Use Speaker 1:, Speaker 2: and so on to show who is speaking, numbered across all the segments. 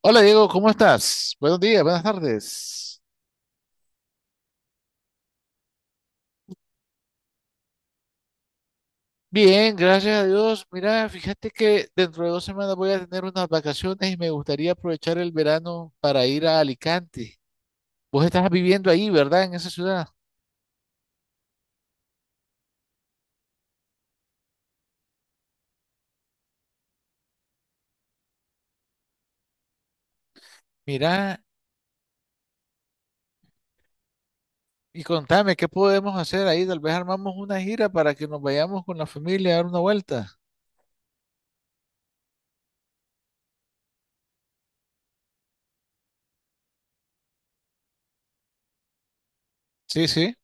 Speaker 1: Hola Diego, ¿cómo estás? Buenos días, buenas tardes. Bien, gracias a Dios. Mira, fíjate que dentro de 2 semanas voy a tener unas vacaciones y me gustaría aprovechar el verano para ir a Alicante. Vos estás viviendo ahí, ¿verdad? En esa ciudad. Mira, y contame, ¿qué podemos hacer ahí? Tal vez armamos una gira para que nos vayamos con la familia a dar una vuelta. Sí, sí,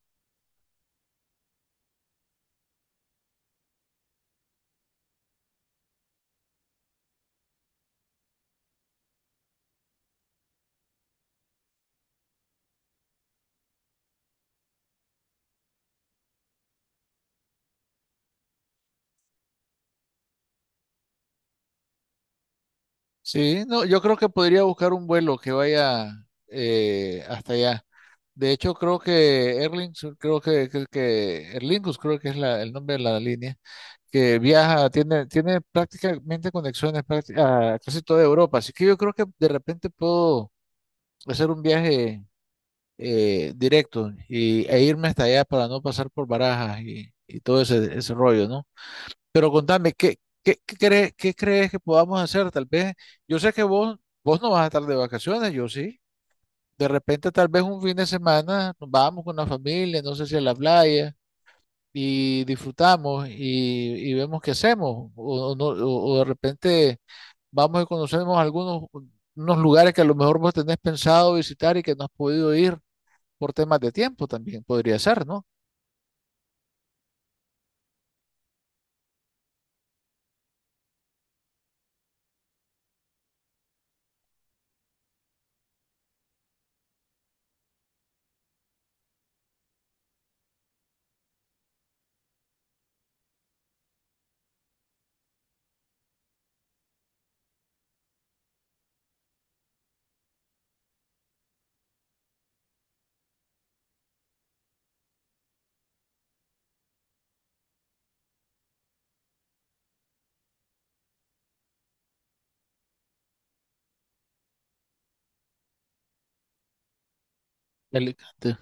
Speaker 1: sí. No, yo creo que podría buscar un vuelo que vaya hasta allá. De hecho, creo que Erling, creo que Erlingus, creo que es el nombre de la línea, que viaja, tiene prácticamente conexiones prácti- a casi toda Europa. Así que yo creo que de repente puedo hacer un viaje directo e irme hasta allá para no pasar por Barajas y todo ese rollo, ¿no? Pero contame, ¿qué crees que podamos hacer? Tal vez, yo sé que vos no vas a estar de vacaciones, yo sí. De repente, tal vez un fin de semana, nos vamos con la familia, no sé si a la playa, y disfrutamos y vemos qué hacemos. O no- o de repente vamos y conocemos algunos unos lugares que a lo mejor vos tenés pensado visitar y que no has podido ir por temas de tiempo también, podría ser, ¿no? Alicante.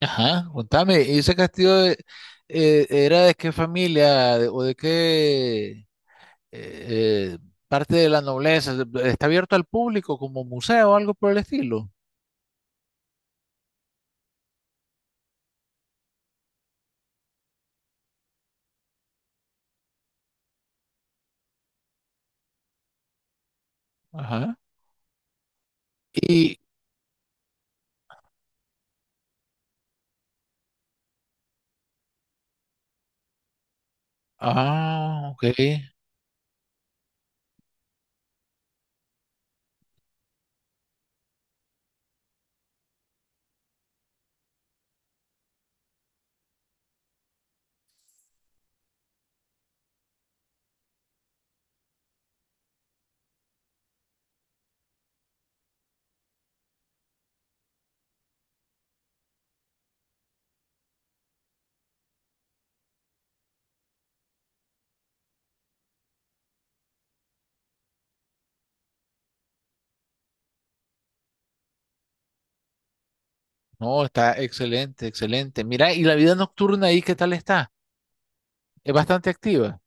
Speaker 1: Ajá, contame, ¿y ese castillo era de qué familia o de qué eh, parte de la nobleza, está abierto al público como museo o algo por el estilo? Ajá. Y, ah, ok. No, está excelente, excelente. Mira, y la vida nocturna ahí, ¿qué tal está? Es bastante activa.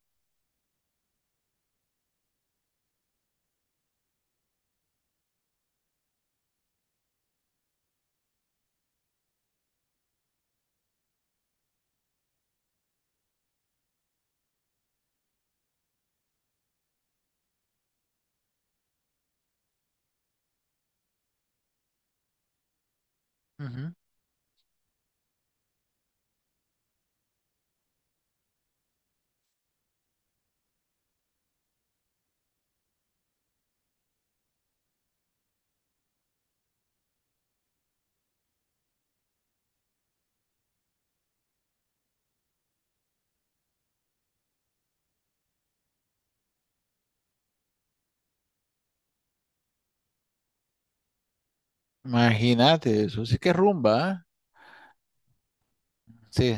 Speaker 1: Ujú. Imagínate, eso sí que es rumba, ¿ah? Sí.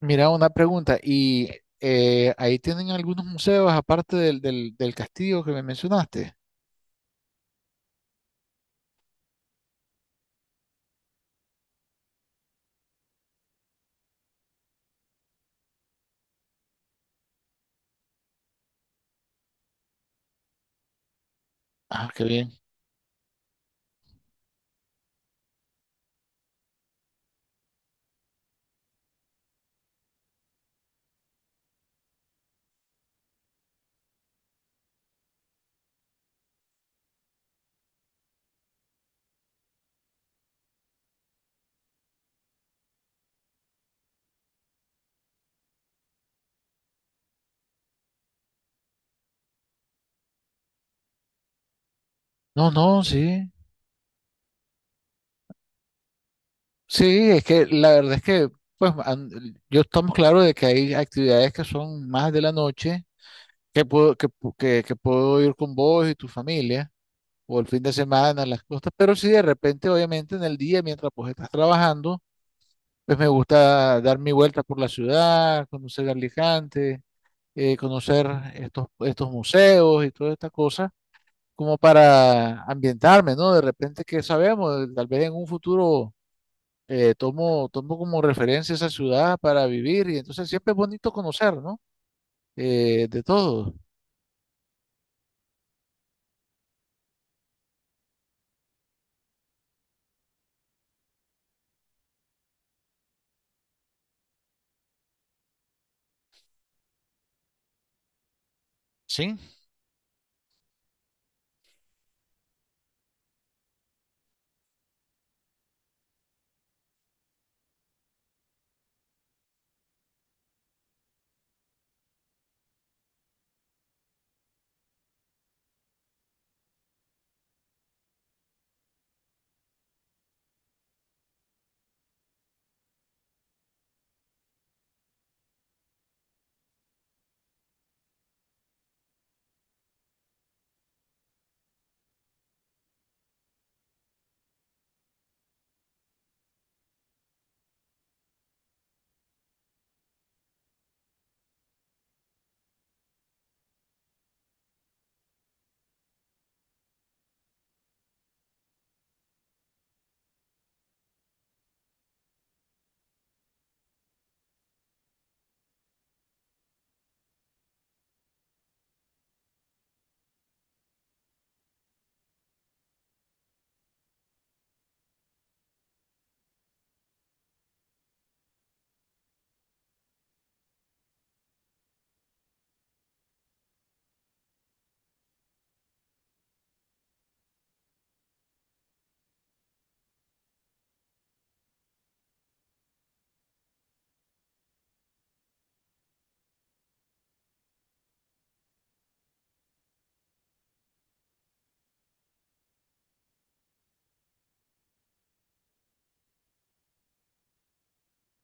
Speaker 1: Mira, una pregunta. ¿Y ahí tienen algunos museos aparte del castillo que me mencionaste? Ah, qué bien. No, no, sí. Sí, es que la verdad es que, pues, an- yo estamos claros de que hay actividades que son más de la noche, que puedo, que, pu- que puedo ir con vos y tu familia, o el fin de semana, las cosas, pero si de repente, obviamente, en el día, mientras pues estás trabajando, pues me gusta dar mi vuelta por la ciudad, conocer Alicante, conocer estos museos y todas estas cosas, como para ambientarme, ¿no? De repente, que sabemos? Tal vez en un futuro tomo como referencia esa ciudad para vivir y entonces siempre es bonito conocer, ¿no? De todo. Sí,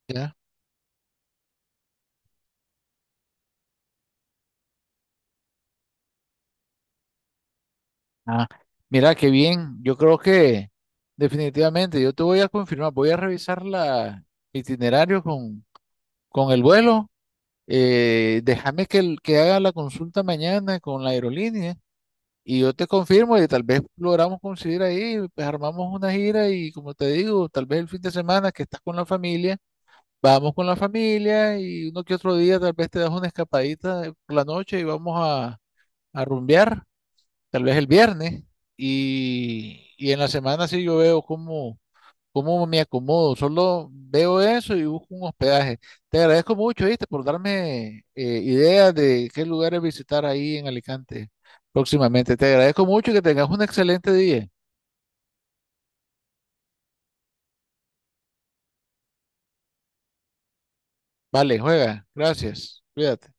Speaker 1: ya. Ah, mira, qué bien. Yo creo que definitivamente yo te voy a confirmar, voy a revisar la itinerario con el vuelo. Déjame que haga la consulta mañana con la aerolínea y yo te confirmo y tal vez logramos coincidir ahí, pues armamos una gira y como te digo, tal vez el fin de semana que estás con la familia. Vamos con la familia y uno que otro día tal vez te das una escapadita por la noche y vamos a rumbear, tal vez el viernes. Y en la semana sí yo veo cómo me acomodo, solo veo eso y busco un hospedaje. Te agradezco mucho, ¿viste? Por darme ideas de qué lugares visitar ahí en Alicante próximamente. Te agradezco mucho y que tengas un excelente día. Vale, juega. Gracias. Cuídate.